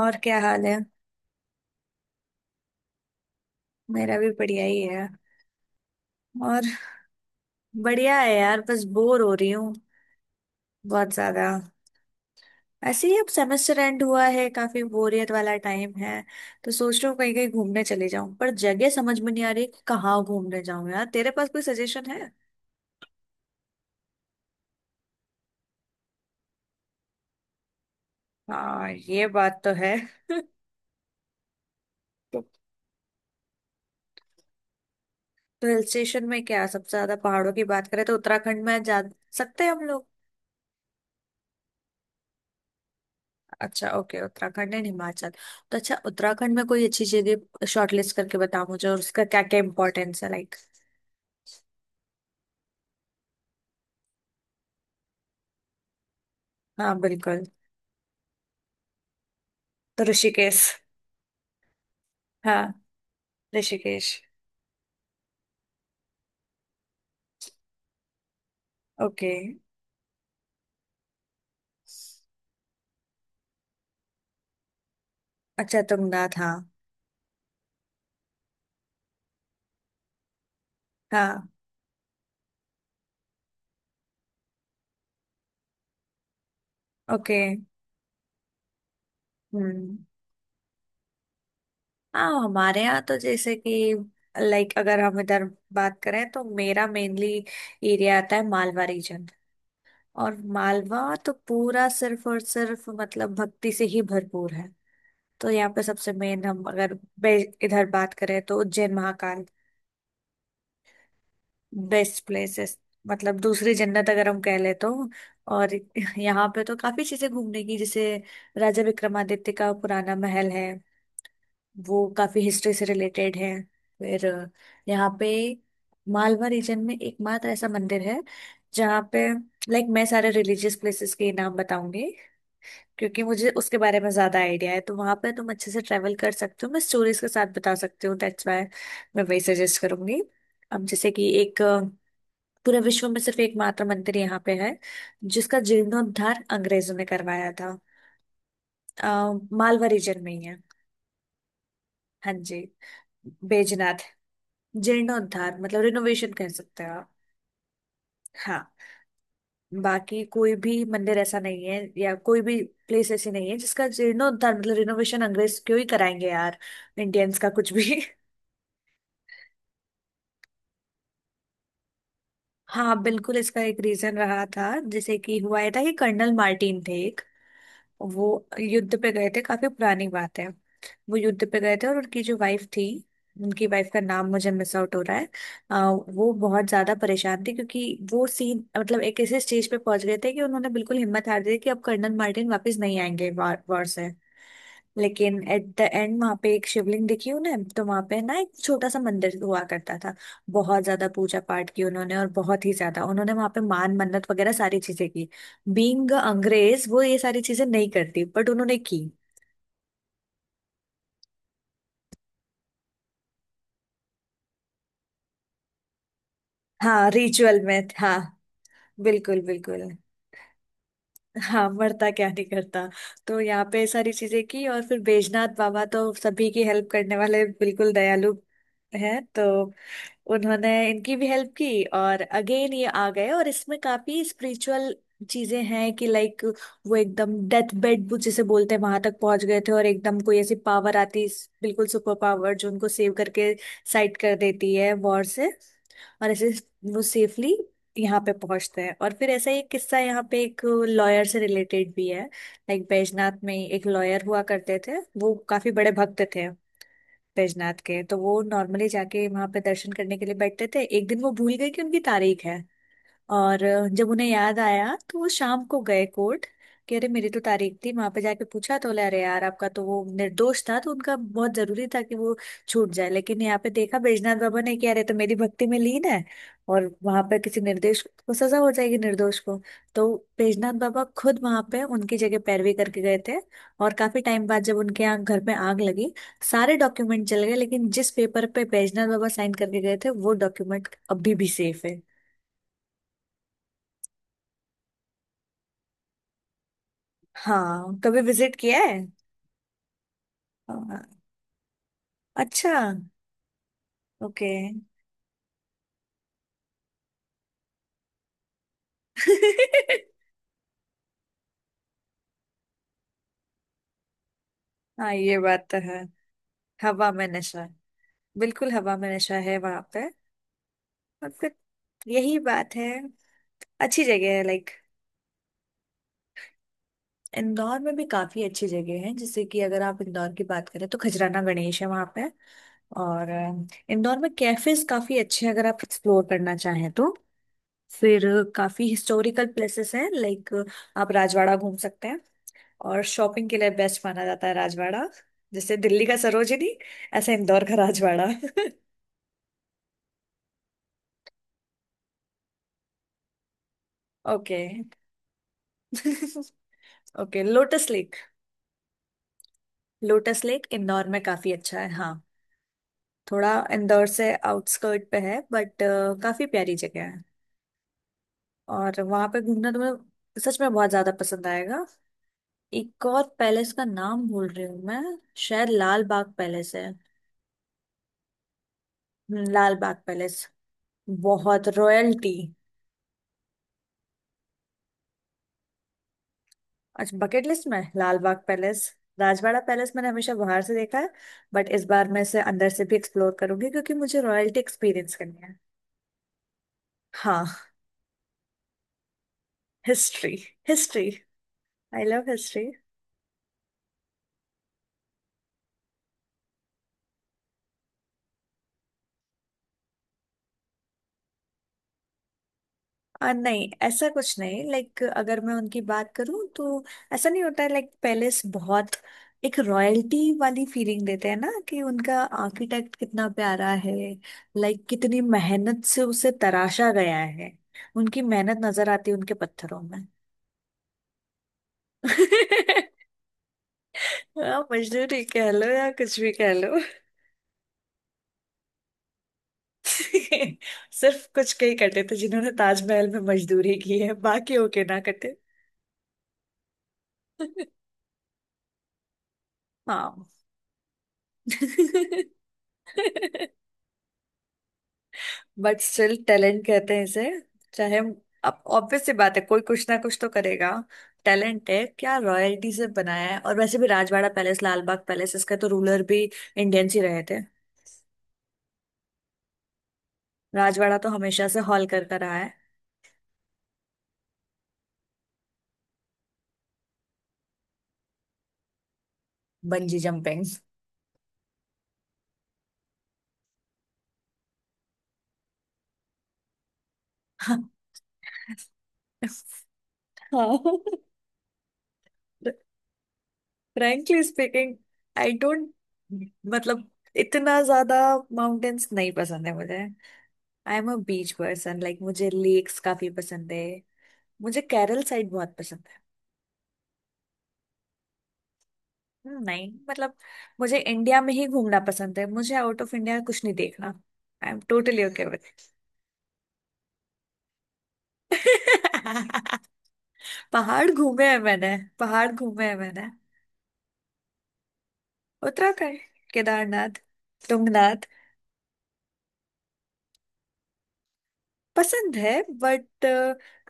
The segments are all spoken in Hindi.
और क्या हाल है। मेरा भी बढ़िया ही है। और बढ़िया है यार, बस बोर हो रही हूँ, बहुत ज्यादा। ऐसे ही, अब सेमेस्टर एंड हुआ है, काफी बोरियत वाला टाइम है। तो सोच रही हूँ कहीं कहीं घूमने चले जाऊं, पर जगह समझ में नहीं आ रही कि कहाँ घूमने जाऊं यार। तेरे पास कोई सजेशन है? हाँ, ये बात तो है। तो हिल स्टेशन में क्या सबसे ज्यादा पहाड़ों की बात करें तो उत्तराखंड में जा सकते हैं हम लोग। अच्छा, ओके, उत्तराखंड एंड हिमाचल। तो अच्छा, उत्तराखंड में कोई अच्छी जगह शॉर्टलिस्ट करके बताओ मुझे, और उसका क्या क्या इम्पोर्टेंस है, लाइक। हाँ बिल्कुल। तो ऋषिकेश। हाँ, ऋषिकेश। ओके। अच्छा तुंगनाथ, हाँ। हाँ। ओके। हम्म। हाँ, हमारे यहाँ तो जैसे कि, लाइक अगर हम इधर बात करें तो मेरा मेनली एरिया आता है मालवा रीजन। और मालवा तो पूरा सिर्फ और सिर्फ मतलब भक्ति से ही भरपूर है। तो यहाँ पे सबसे मेन, हम अगर इधर बात करें तो उज्जैन महाकाल। बेस्ट प्लेसेस, मतलब दूसरी जन्नत अगर हम कह ले तो। और यहाँ पे तो काफी चीजें घूमने की, जैसे राजा विक्रमादित्य का पुराना महल है। वो काफी हिस्ट्री से रिलेटेड है। फिर यहाँ पे मालवा रीजन में एकमात्र ऐसा मंदिर है जहाँ पे, लाइक मैं सारे रिलीजियस प्लेसेस के नाम बताऊंगी क्योंकि मुझे उसके बारे में ज्यादा आइडिया है। तो वहां पर तुम अच्छे से ट्रेवल कर सकते हो, मैं स्टोरीज के साथ बता सकती हूँ, दैट्स वाई मैं वही सजेस्ट करूंगी। अब जैसे कि एक, पूरे विश्व में सिर्फ एकमात्र मंदिर यहाँ पे है जिसका जीर्णोद्धार अंग्रेजों ने करवाया था। अ, मालवा रीजन में ही है। हाँ जी। बैजनाथ। जीर्णोद्धार मतलब रिनोवेशन कह सकते हो आप। हाँ। बाकी कोई भी मंदिर ऐसा नहीं है, या कोई भी प्लेस ऐसी नहीं है जिसका जीर्णोद्धार मतलब रिनोवेशन अंग्रेज क्यों ही कराएंगे यार। इंडियंस का कुछ भी। हाँ बिल्कुल, इसका एक रीजन रहा था। जैसे कि हुआ ये था कि कर्नल मार्टिन थे एक। वो युद्ध पे गए थे, काफी पुरानी बात है। वो युद्ध पे गए थे और उनकी जो वाइफ थी, उनकी वाइफ का नाम मुझे मिस आउट हो रहा है। वो बहुत ज्यादा परेशान थी क्योंकि वो सीन, मतलब एक ऐसे स्टेज पे पहुंच गए थे कि उन्होंने बिल्कुल हिम्मत हार दी थी कि अब कर्नल मार्टिन वापस नहीं आएंगे वॉर वॉर से। लेकिन एट द एंड वहां पे एक शिवलिंग दिखी उन्हें, तो वहां पे ना एक छोटा सा मंदिर हुआ करता था। बहुत ज्यादा पूजा पाठ की उन्होंने, और बहुत ही ज्यादा उन्होंने वहां पे मान मन्नत वगैरह सारी चीजें की। बीइंग अंग्रेज वो ये सारी चीजें नहीं करती, बट उन्होंने की। हाँ, रिचुअल में, हाँ। बिल्कुल बिल्कुल। हाँ, मरता क्या नहीं करता। तो यहाँ पे ये सारी चीजें की, और फिर बैजनाथ बाबा तो सभी की हेल्प करने वाले, बिल्कुल दयालु है तो उन्होंने इनकी भी हेल्प की। और अगेन ये आ गए, और इसमें काफी स्पिरिचुअल चीजें हैं कि, लाइक वो एकदम डेथ बेड जिसे बोलते हैं वहां तक पहुंच गए थे, और एकदम कोई ऐसी पावर आती, बिल्कुल सुपर पावर, जो उनको सेव करके साइड कर देती है वॉर से। और ऐसे वो सेफली यहाँ पे पहुंचते हैं। और फिर ऐसा ही एक किस्सा यहाँ पे एक लॉयर से रिलेटेड भी है, लाइक बैजनाथ में ही एक लॉयर हुआ करते थे। वो काफी बड़े भक्त थे बैजनाथ के, तो वो नॉर्मली जाके वहां पे दर्शन करने के लिए बैठते थे। एक दिन वो भूल गए कि उनकी तारीख है, और जब उन्हें याद आया तो वो शाम को गए कोर्ट कि अरे मेरी तो तारीख थी। वहां पे जाके पूछा तो बोले अरे यार आपका तो, वो निर्दोष था तो उनका बहुत जरूरी था कि वो छूट जाए। लेकिन यहाँ पे देखा बैजनाथ बाबा ने कि अरे तो मेरी भक्ति में लीन है, और वहां पे किसी निर्दोष को सजा हो जाएगी, निर्दोष को। तो बैजनाथ बाबा खुद वहां पे उनकी जगह पैरवी करके गए थे। और काफी टाइम बाद जब उनके यहाँ घर में आग लगी, सारे डॉक्यूमेंट जल गए लेकिन जिस पेपर पे बैजनाथ बाबा साइन करके गए थे वो डॉक्यूमेंट अभी भी सेफ है। हाँ, कभी विजिट किया है? हाँ, अच्छा, ओके। हाँ ये बात तो है। हवा में नशा, बिल्कुल हवा में नशा है वहां पे। और फिर यही बात है, अच्छी जगह है, लाइक। इंदौर में भी काफी अच्छी जगह है। जैसे कि अगर आप इंदौर की बात करें तो खजराना गणेश है वहां पे। और इंदौर में कैफेज काफी अच्छे हैं अगर आप एक्सप्लोर करना चाहें तो। फिर काफी हिस्टोरिकल प्लेसेस हैं, लाइक आप राजवाड़ा घूम सकते हैं। और शॉपिंग के लिए बेस्ट माना जाता है राजवाड़ा। जैसे दिल्ली का सरोजिनी, ऐसा इंदौर का Rajwada. Okay. Okay lotus lake. Lotus lake Indore में काफी अच्छा है, हाँ। थोड़ा इंदौर से आउटस्कर्ट पे है बट काफी प्यारी जगह है। और वहां पे घूमना तुम्हें सच में बहुत ज्यादा पसंद आएगा। एक और पैलेस का नाम भूल रही हूँ मैं, शायद लाल बाग पैलेस है। लाल बाग पैलेस, बहुत रॉयल्टी। अच्छा, बकेट लिस्ट में लाल बाग पैलेस, राजवाड़ा पैलेस मैंने हमेशा बाहर से देखा है, बट इस बार मैं इसे अंदर से भी एक्सप्लोर करूंगी क्योंकि मुझे रॉयल्टी एक्सपीरियंस करनी है। हाँ। History, history, I love history. नहीं, ऐसा कुछ नहीं, लाइक अगर मैं उनकी बात करूं तो ऐसा नहीं होता है। लाइक पैलेस बहुत, एक रॉयल्टी वाली फीलिंग देते हैं ना, कि उनका आर्किटेक्ट कितना प्यारा है, लाइक कितनी मेहनत से उसे तराशा गया है। उनकी मेहनत नजर आती है उनके पत्थरों में। आप मजदूरी कह लो या कुछ भी कह लो। सिर्फ कुछ कई कटे थे जिन्होंने ताजमहल में मजदूरी की है, बाकी होके ना कटे। हाँ। बट स्टिल टैलेंट कहते हैं इसे, चाहे, अब ऑब्वियस सी बात है कोई कुछ ना कुछ तो करेगा। टैलेंट है, क्या रॉयल्टी से बनाया है। और वैसे भी राजवाड़ा पैलेस, लाल बाग पैलेस, इसका तो रूलर भी इंडियंस ही रहे थे। राजवाड़ा तो हमेशा से हॉल करता रहा है। Bungee jumping. हाँ। फ्रैंकली स्पीकिंग, आई डोंट, मतलब इतना ज्यादा माउंटेन्स नहीं पसंद है मुझे। I am a beach person, like मुझे लेक्स काफी पसंद है, मुझे केरल साइड बहुत पसंद है। नहीं, मतलब मुझे इंडिया में ही घूमना पसंद है, मुझे आउट ऑफ इंडिया कुछ नहीं देखना। I am totally okay with. पहाड़ घूमे हैं मैंने, पहाड़ घूमे हैं मैंने। उत्तराखंड, केदारनाथ, तुंगनाथ। पसंद है, but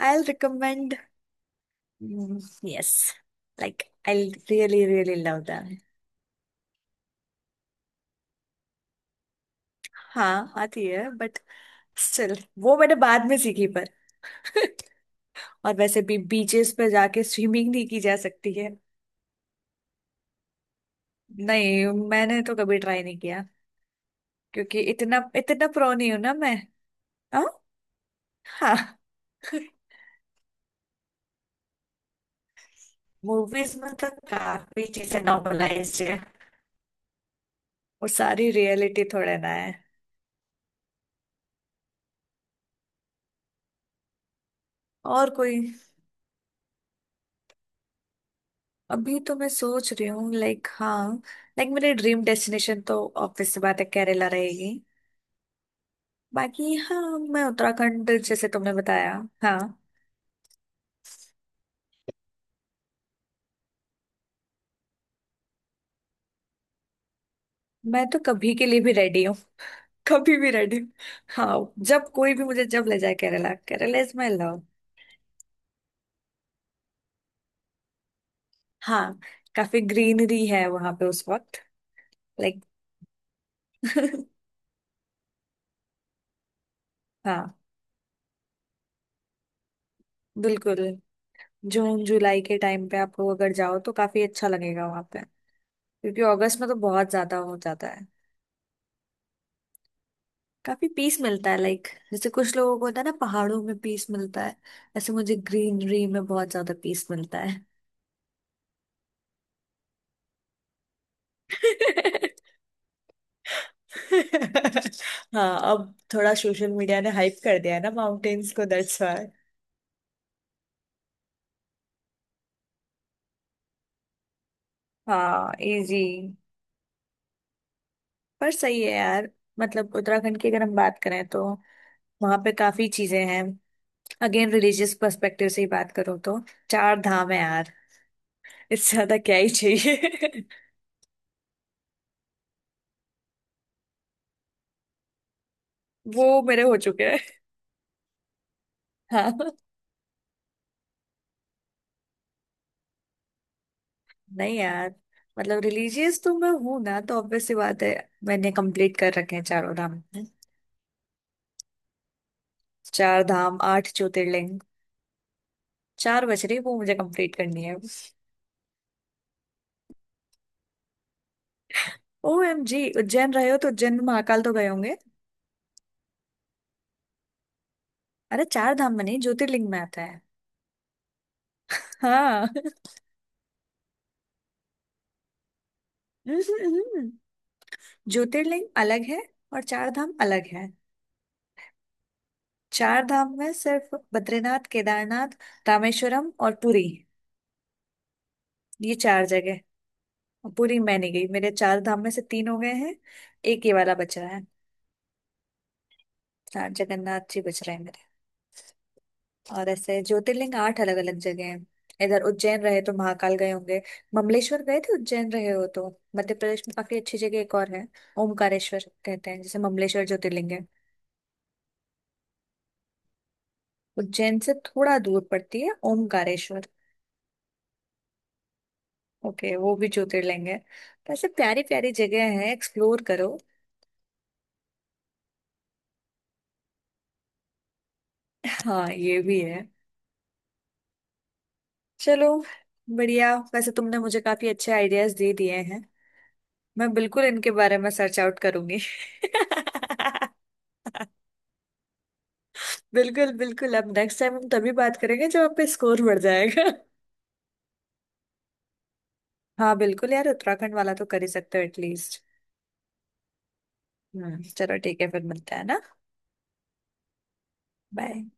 I will recommend. Yes. Like I really really love them. हाँ आती है बट स्टिल वो मैंने बाद में सीखी पर। और वैसे भी बीचेस पे जाके स्विमिंग नहीं की जा सकती है। नहीं, मैंने तो कभी ट्राई नहीं किया क्योंकि इतना इतना प्रो नहीं हूं ना मैं। हाँ। हाँ। मूवीज में तो काफी चीजें नॉर्मलाइज्ड है, वो सारी रियलिटी थोड़े ना है। और कोई, अभी तो मैं सोच रही हूँ, लाइक हाँ, लाइक मेरी ड्रीम डेस्टिनेशन तो ऑब्वियस सी बात है केरला रहेगी। बाकी हाँ, मैं उत्तराखंड जैसे तुमने बताया। हाँ, मैं तो कभी के लिए भी रेडी हूँ। कभी भी रेडी हूँ। हाँ, जब कोई भी मुझे जब ले जाए, Kerala, Kerala is my love. हाँ, काफी ग्रीनरी है वहां पे उस वक्त। लाइक। हाँ बिल्कुल, जून जुलाई के टाइम पे आप लोग अगर जाओ तो काफी अच्छा लगेगा वहां पे, क्योंकि अगस्त में तो बहुत ज्यादा हो जाता है। काफी पीस मिलता है, लाइक जैसे कुछ लोगों को होता है ना पहाड़ों में पीस मिलता है, ऐसे मुझे ग्रीनरी में बहुत ज्यादा पीस मिलता है। हाँ, अब थोड़ा सोशल मीडिया ने हाइप कर दिया है ना माउंटेन्स को, दैट्स व्हाई। हाँ इजी। पर सही है यार, मतलब उत्तराखंड की अगर हम बात करें तो वहां पे काफी चीजें हैं। अगेन रिलीजियस पर्सपेक्टिव से ही बात करूँ तो चार धाम है यार, इससे ज्यादा क्या ही चाहिए। वो मेरे हो चुके हैं। हाँ। नहीं यार, मतलब रिलीजियस तो मैं हूं ना, तो ऑब्वियस सी बात है मैंने कंप्लीट कर रखे हैं चारों धाम। चार धाम, 8 ज्योतिर्लिंग। चार बज रही, वो मुझे कंप्लीट करनी है। OMG, उज्जैन रहे हो तो उज्जैन में महाकाल तो गए होंगे। अरे चार धाम में नहीं, ज्योतिर्लिंग में आता है। हाँ। ज्योतिर्लिंग अलग है और चार धाम अलग है। चार धाम में सिर्फ बद्रीनाथ, केदारनाथ, रामेश्वरम और पुरी, ये चार जगह। पूरी मैं नहीं गई, मेरे चार धाम में से 3 हो गए हैं, एक ये वाला बच रहा है। हाँ, जगन्नाथ जी बच रहे हैं मेरे। और ऐसे ज्योतिर्लिंग 8 अलग अलग जगह हैं। इधर उज्जैन रहे तो महाकाल गए होंगे, ममलेश्वर गए थे उज्जैन रहे हो तो? मध्य प्रदेश में काफी अच्छी जगह एक और है, ओमकारेश्वर कहते हैं जिसे, ममलेश्वर ज्योतिर्लिंग है। उज्जैन से थोड़ा दूर पड़ती है ओमकारेश्वर। ओके, वो भी ज्योतिर्लिंग है। तो ऐसे प्यारी प्यारी जगह है, एक्सप्लोर करो। हाँ ये भी है। चलो, बढ़िया। वैसे तुमने मुझे काफी अच्छे आइडियाज दे दिए हैं, मैं बिल्कुल इनके बारे में सर्च आउट करूंगी। बिल्कुल बिल्कुल, अब नेक्स्ट टाइम हम तभी बात करेंगे जब आप पे स्कोर बढ़ जाएगा। हाँ बिल्कुल यार, उत्तराखंड वाला तो कर ही सकते हो एटलीस्ट। हम्म, चलो ठीक है, फिर मिलते हैं ना। बाय।